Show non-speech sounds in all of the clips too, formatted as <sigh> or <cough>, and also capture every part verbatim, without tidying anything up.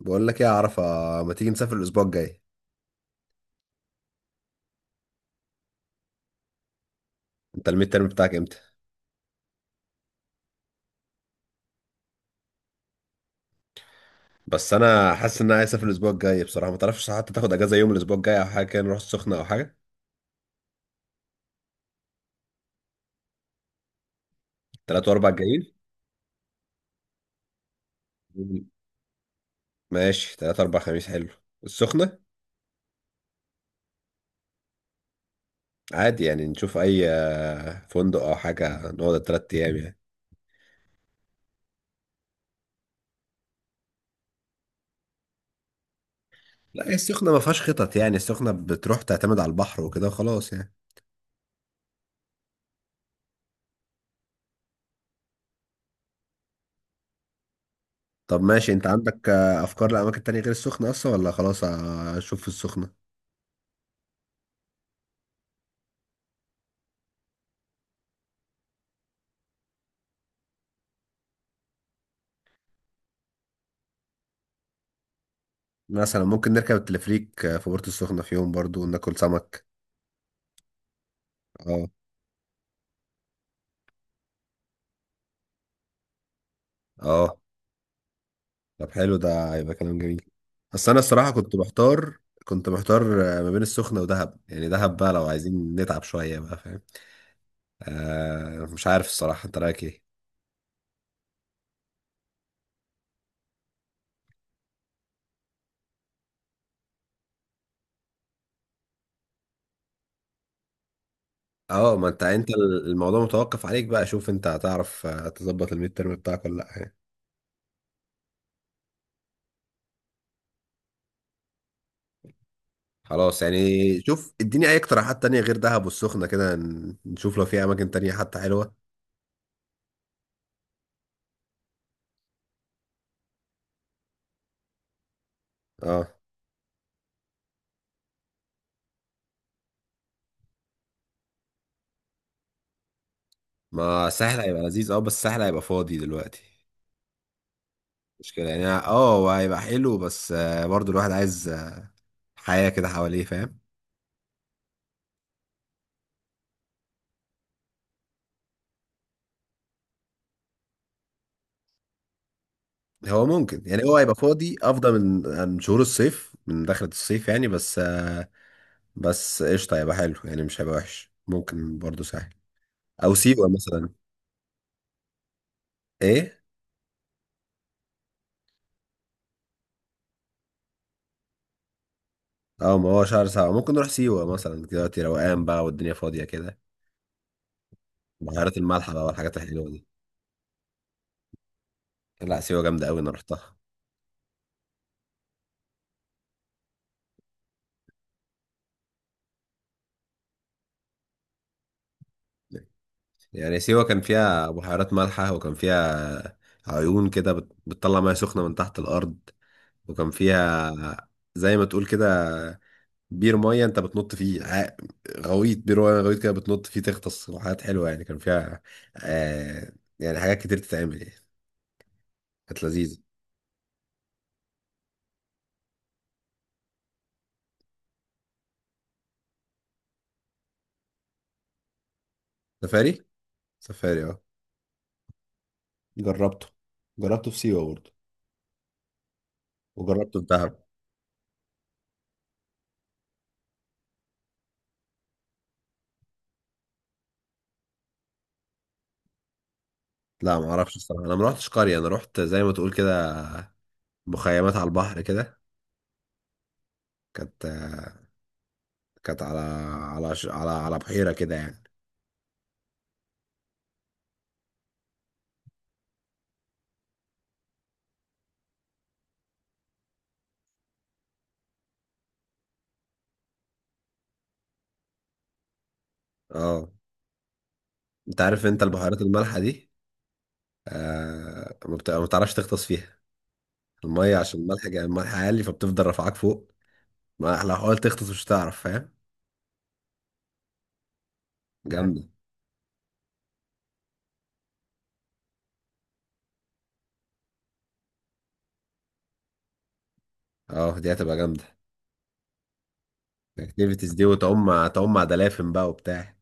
بقول لك ايه يا عرفة؟ ما تيجي نسافر الاسبوع الجاي؟ انت الميد ترم بتاعك امتى؟ بس انا حاسس ان انا عايز اسافر الاسبوع الجاي بصراحة، ما تعرفش حتى تاخد اجازة يوم الاسبوع الجاي او حاجة كده، نروح السخنة او حاجة؟ تلات واربع جايين؟ ماشي، تلات اربع خميس حلو. السخنة. عادي يعني نشوف اي آه، فندق او حاجة، نقعد التلات ايام يعني. لا، هي السخنة ما فيهاش خطط يعني، السخنة بتروح تعتمد على البحر وكده وخلاص يعني. طب ماشي، انت عندك آه، افكار لاماكن تانية غير السخنة اصلا، ولا خلاص آه، اشوف في السخنة؟ مثلا ممكن نركب التلفريك في بورتو السخنة في يوم برضو وناكل سمك. اه. اه، طب حلو، ده هيبقى كلام جميل. بس انا الصراحة كنت محتار. كنت محتار ما بين السخنة ودهب يعني. دهب بقى لو عايزين نتعب شوية بقى، فاهم؟ آه مش عارف الصراحة، انت رأيك ايه؟ اه، ما انت انت الموضوع متوقف عليك بقى. شوف انت، هتعرف آه، تظبط الميد ترم بتاعك ولا لا يعني. خلاص يعني. شوف، اديني اي اقتراحات تانية غير دهب والسخنة كده، ن- نشوف لو في اماكن تانية حتى حلوة. اه، ما سهل هيبقى لذيذ اه. بس سهل هيبقى فاضي دلوقتي، مشكلة يعني. اه، آه، هو هيبقى حلو بس آه، برضو الواحد عايز آه، حياة كده حواليه، فاهم؟ هو ممكن يعني، هو هيبقى فاضي افضل من من شهور الصيف، من دخلة الصيف يعني، بس آه، بس قشطة هيبقى حلو يعني، مش هيبقى وحش. ممكن برضو سهل، او سيوة مثلا. ايه؟ اه، ما هو شهر سبعة ممكن نروح سيوة مثلا، دلوقتي روقان بقى والدنيا فاضية كده. بحيرات الملح بقى والحاجات الحلوة دي. لا، سيوة جامدة قوي، انا رحتها. يعني سيوة كان فيها بحيرات مالحة، وكان فيها عيون كده بت- بتطلع مياه سخنة من تحت الأرض، وكان فيها زي ما تقول كده بير مية، أنت بتنط فيه ع- غويط، بير مية غويط كده، بتنط فيه، تغطس، وحاجات حلوة يعني. كان فيها آه يعني حاجات كتير تتعمل يعني. كانت لذيذة. سفاري. سفاري اه. جربته. جربته في سيوة برضه، وجربته في دهب. لا ما اعرفش الصراحه، انا ما رحتش قريه، انا رحت زي ما تقول كده مخيمات على البحر كده. كانت كانت على على ش- على على بحيرة كده يعني. اه، انت عارف انت البحيرات المالحة دي؟ آه ما بت- ما بتعرفش تغطس فيها، المية عشان الملح جا- الملح عالي، فبتفضل رافعاك فوق. ما لو حاولت تغطس مش هتعرف، فاهم؟ جامدة. اه دي هتبقى جامدة. الاكتيفيتيز دي، وتعوم تعوم مع دلافين بقى وبتاع.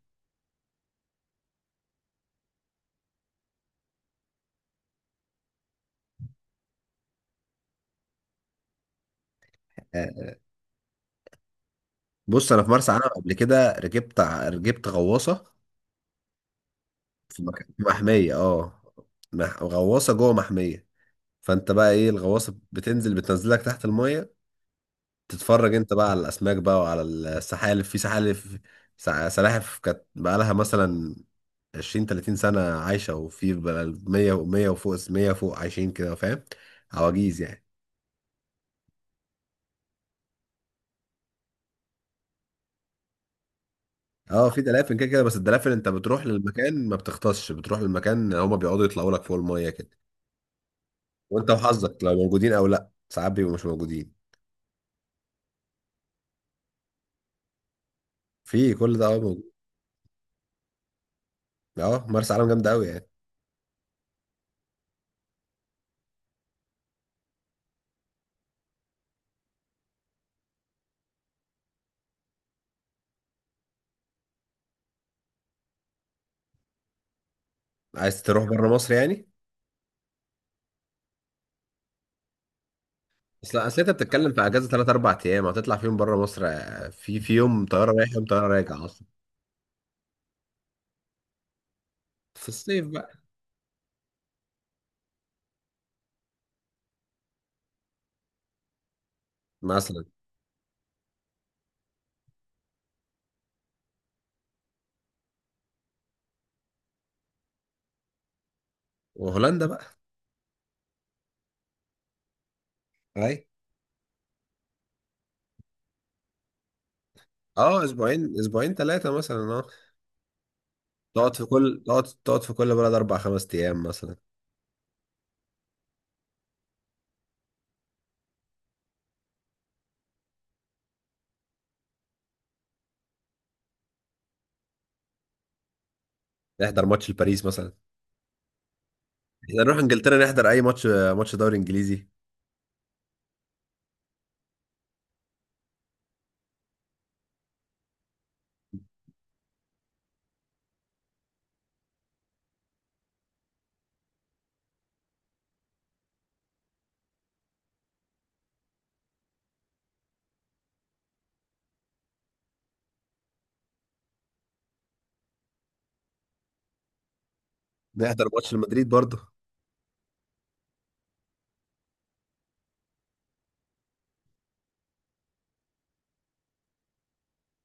آه، بص، انا في مرسى علم قبل كده ركبت ع- ركبت غواصة، في مك- في محمية اه، مح- غواصة جوه محمية. فانت بقى ايه، الغواصة بتنزل، بتنزلك تحت المية، تتفرج انت بقى على الاسماك بقى وعلى السحالف. في سحالف سع- سلاحف، كانت بقى لها مثلا عشرين تلاتين سنة عايشة، وفي بقى مية و100 وفوق مية فوق، عايشين كده، فاهم؟ عواجيز يعني. اه، في دلافين كده كده، بس الدلافين انت بتروح للمكان، ما بتغطسش، بتروح للمكان هما بيقعدوا يطلعوا لك فوق المية كده. وانت وحظك، لو موجودين او لا، ساعات بيبقوا مش موجودين. في كل ده اه موجود. اه، مرسى علم جامدة قوي يعني. عايز تروح بره مصر يعني؟ اصل اصل انت بتتكلم في اجازه ثلاثة أربعة ايام، هتطلع فيهم بره مصر؟ آه، في في يوم طياره رايح يوم طياره راجع اصلا. في الصيف بقى، مثلا. وهولندا بقى. اي اه. اسبوعين، اسبوعين ثلاثه مثلا اه. تقعد في كل تقعد تقعد في كل بلد اربع خمس ايام مثلا. نحضر ماتش لباريس مثلا. احنا نروح انجلترا نحضر اي ماتش، ماتش دوري انجليزي. نحضر ماتش لمدريد برضه.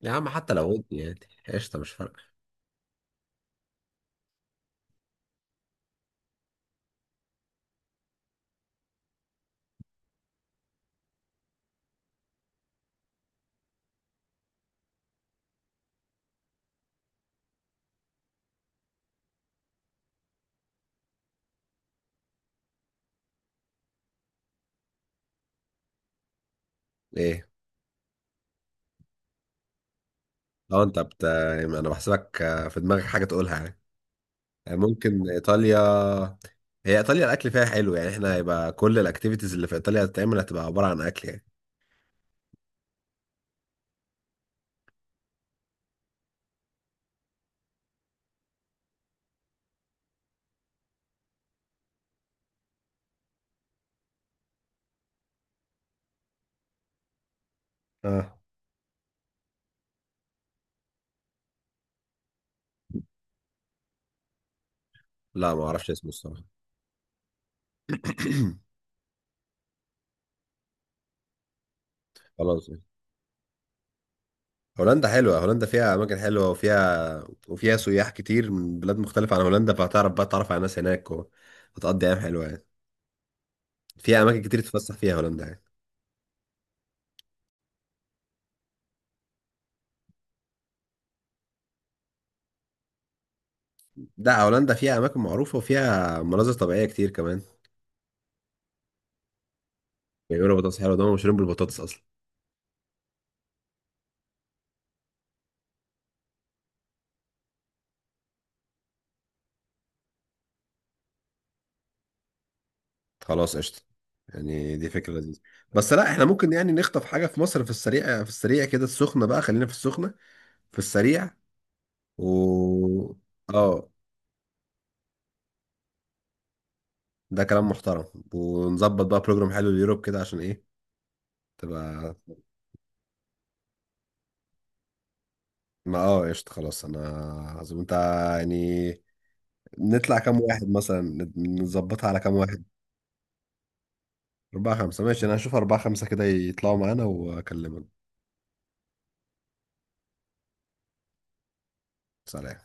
يا عم، حتى لو ودي يعني، قشطه، مش فارقه. ايه اه، انت بت... انا بحسبك آه، في دماغك حاجه تقولها يعني. ممكن ايطاليا. هي ايطاليا الاكل فيها حلو يعني، احنا هيبقى كل الاكتيفيتيز اللي في ايطاليا هتتعمل هتبقى عباره عن اكل يعني. اه. لا، ما اعرفش اسمه الصراحه. <clears throat> خلاص يعني. هولندا حلوه، هولندا فيها اماكن حلوه، وفيها وفيها سياح كتير من بلاد مختلفه عن هولندا، فهتعرف بقى، تعرف على ناس هناك وهتقضي ايام حلوه يعني. فيها اماكن كتير تتفسح فيها هولندا يعني. لا، هولندا فيها اماكن معروفه وفيها مناظر طبيعيه كتير كمان. بيعملوا بطاطس حلوه، ده مشهورين بالبطاطس اصلا. خلاص قشطة، يعني دي فكرة لذيذة. بس لا، احنا ممكن يعني نخطف حاجة في مصر في السريع، في السريع كده، السخنة بقى، خلينا في السخنة في السريع. و اه، ده كلام محترم. ونظبط بقى بروجرام حلو ليوروب كده، عشان ايه تبقى. ما اه قشطة. خلاص انا عظيم انت يعني. نطلع كام واحد مثلا، نت- نظبطها على كام واحد؟ أربعة خمسة ماشي. أنا هشوف أربعة خمسة كده يطلعوا معانا وأكلمك. سلام.